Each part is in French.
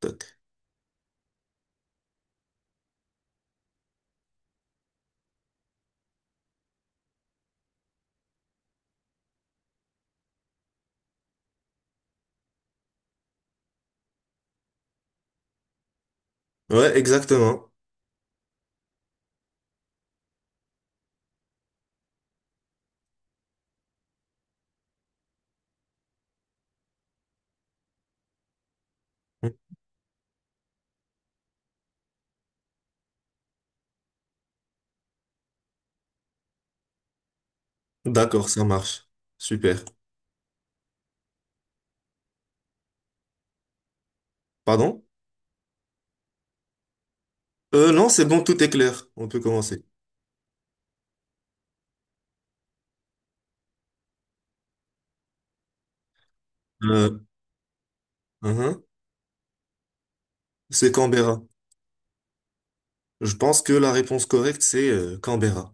Toc. Ouais, exactement. D'accord, ça marche. Super. Pardon? Non, c'est bon, tout est clair. On peut commencer. Euh, Uhum. C'est Canberra. Je pense que la réponse correcte, c'est Canberra.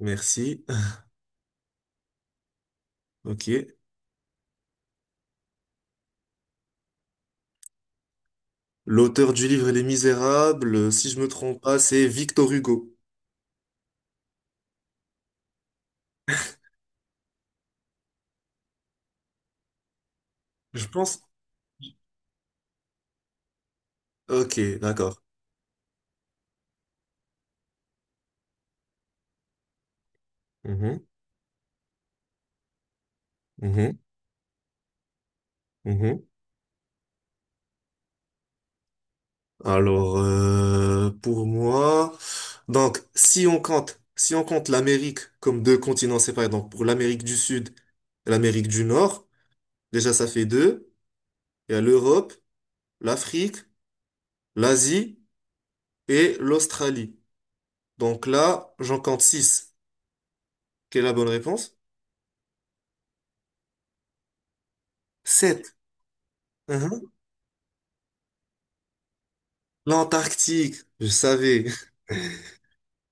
Merci. Ok. L'auteur du livre Les Misérables, si je me trompe pas, c'est Victor Hugo. Je pense. Ok, d'accord. Mhm, mhm, mhm. Alors, pour moi, donc si on compte l'Amérique comme deux continents séparés, donc pour l'Amérique du Sud et l'Amérique du Nord, déjà ça fait deux. Il y a l'Europe, l'Afrique, l'Asie et l'Australie. Donc là, j'en compte six. Quelle est la bonne réponse? Sept. Hein. L'Antarctique, je savais.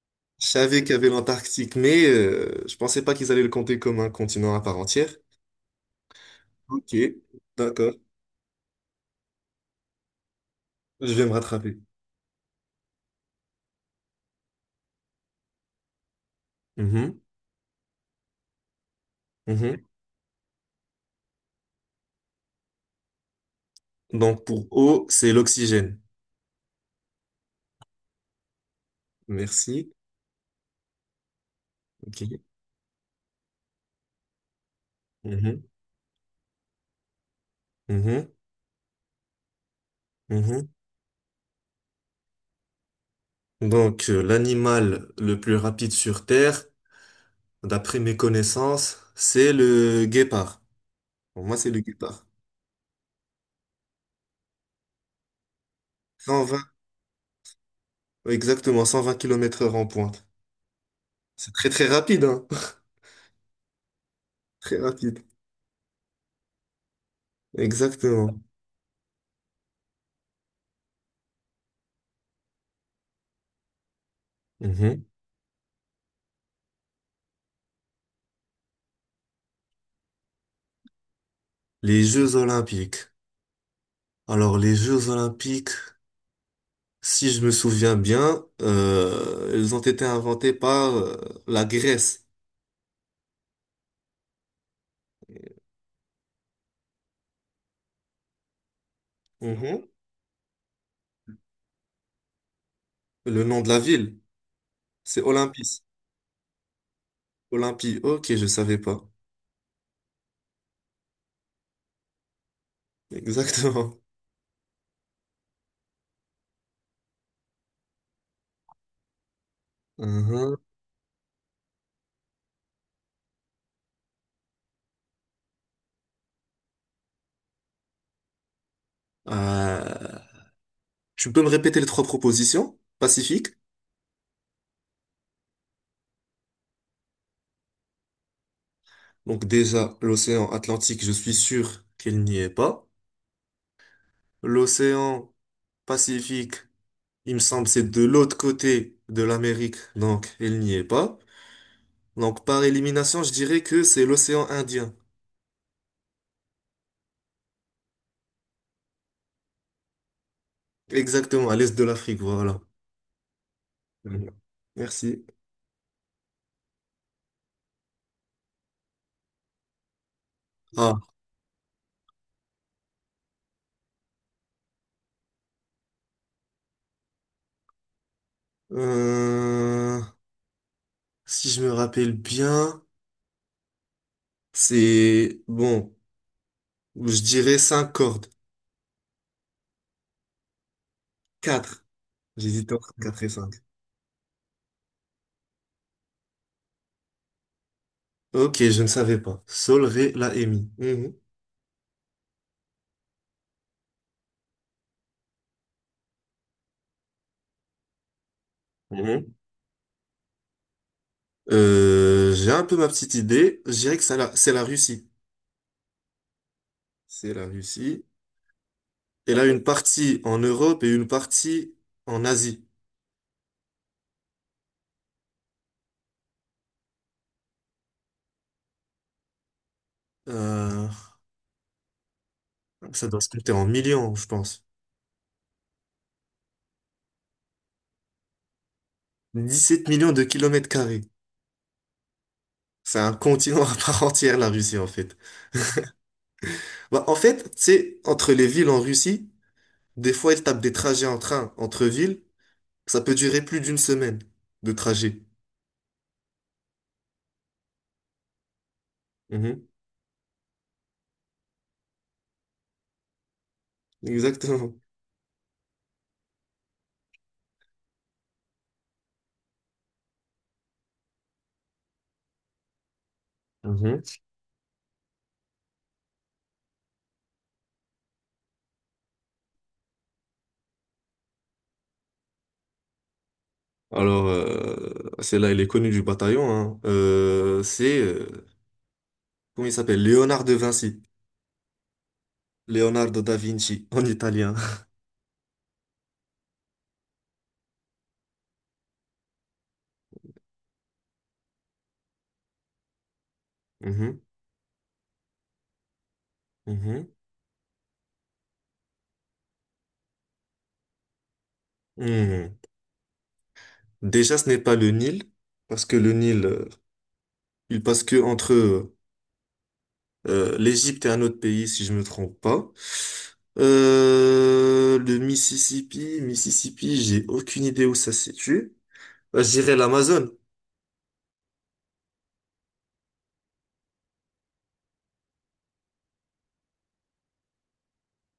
Je savais qu'il y avait l'Antarctique, mais je pensais pas qu'ils allaient le compter comme un continent à part entière. Ok, d'accord, je vais me rattraper. Mhm. Donc pour O, c'est l'oxygène. Merci. Ok. Mhm. Mhm. Mhm. Donc l'animal le plus rapide sur Terre, d'après mes connaissances, c'est le guépard. Pour moi, c'est le guépard. 120, exactement, 120 km heure en pointe. C'est très très rapide, hein. Très rapide. Exactement. Mhm. Les Jeux Olympiques. Alors les Jeux Olympiques, si je me souviens bien, ils ont été inventés par la Grèce. Mhm. Le nom de la ville, c'est Olympis. Olympie, ok, je savais pas. Exactement. Mhm. Euh, Tu peux me répéter les trois propositions? Pacifique. Donc déjà, l'océan Atlantique, je suis sûr qu'il n'y est pas. L'océan Pacifique, il me semble, c'est de l'autre côté de l'Amérique, donc il n'y est pas. Donc par élimination, je dirais que c'est l'océan Indien. Exactement, à l'est de l'Afrique, voilà. Mhm. Merci. Ah. Euh, Si je me rappelle bien, c'est bon, je dirais 5 cordes. Quatre. J'hésite entre quatre et 5. Ok, je ne savais pas. Sol, ré, la et mi. Mhm. Mhm. J'ai un peu ma petite idée. Je dirais que c'est la Russie. C'est la Russie. Elle a une partie en Europe et une partie en Asie. Euh, Ça doit se compter en millions, je pense. 17 millions de kilomètres carrés. C'est un continent à part entière, la Russie, en fait. Bah, en fait, c'est entre les villes en Russie. Des fois, ils tapent des trajets en train entre villes. Ça peut durer plus d'une semaine de trajet. Mhm. Exactement. Mhm. Alors, celle-là, elle est connue du bataillon, hein. Comment il s'appelle? Léonard de Vinci. Leonardo da Vinci, en italien. Mhm. Mhm. Mhm. Déjà, ce n'est pas le Nil, parce que le Nil, il passe que entre l'Égypte est un autre pays, si je me trompe pas. Le Mississippi, j'ai aucune idée où ça se situe. Je dirais l'Amazone.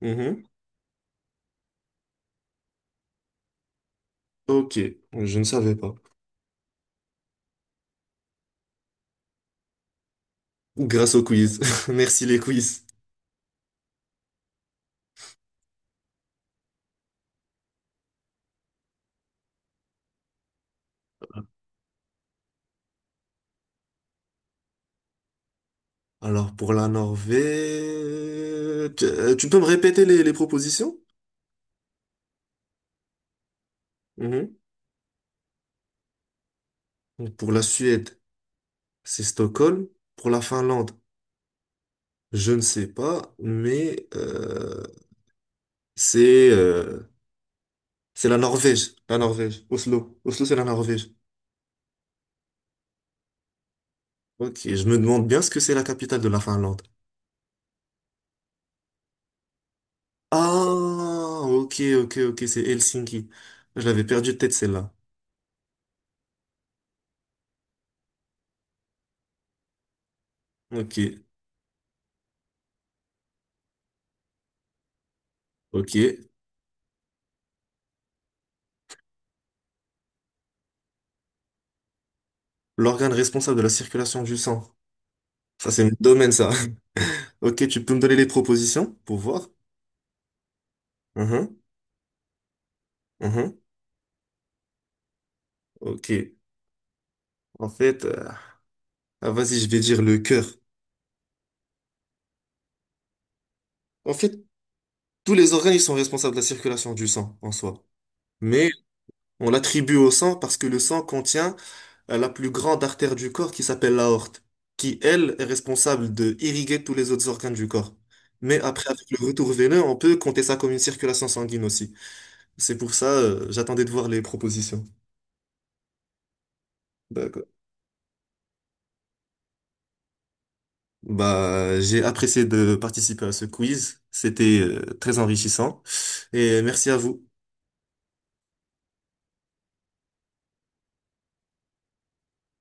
Mhm. Ok, je ne savais pas. Grâce au quiz. Merci les quiz. Alors pour la Norvège, tu peux me répéter les propositions? Mhm. Donc, pour la Suède, c'est Stockholm. Pour la Finlande, je ne sais pas, mais c'est c'est la Norvège, la Norvège. Oslo. Oslo, c'est la Norvège. Ok, je me demande bien ce que c'est la capitale de la Finlande. Ah, ok, ok, ok, c'est Helsinki. Je l'avais perdu de tête, celle-là. Ok, ok. L'organe responsable de la circulation du sang. Ça, c'est mon domaine, ça. Ok, tu peux me donner les propositions pour voir? Mhm, mhm. Ok. En fait, ah, vas-y, je vais dire le cœur. En fait, tous les organes, ils sont responsables de la circulation du sang en soi. Mais on l'attribue au sang parce que le sang contient la plus grande artère du corps qui s'appelle l'aorte, qui, elle, est responsable de irriguer tous les autres organes du corps. Mais après, avec le retour veineux, on peut compter ça comme une circulation sanguine aussi. C'est pour ça, j'attendais de voir les propositions. D'accord. Bah, j'ai apprécié de participer à ce quiz. C'était, très enrichissant. Et merci à vous.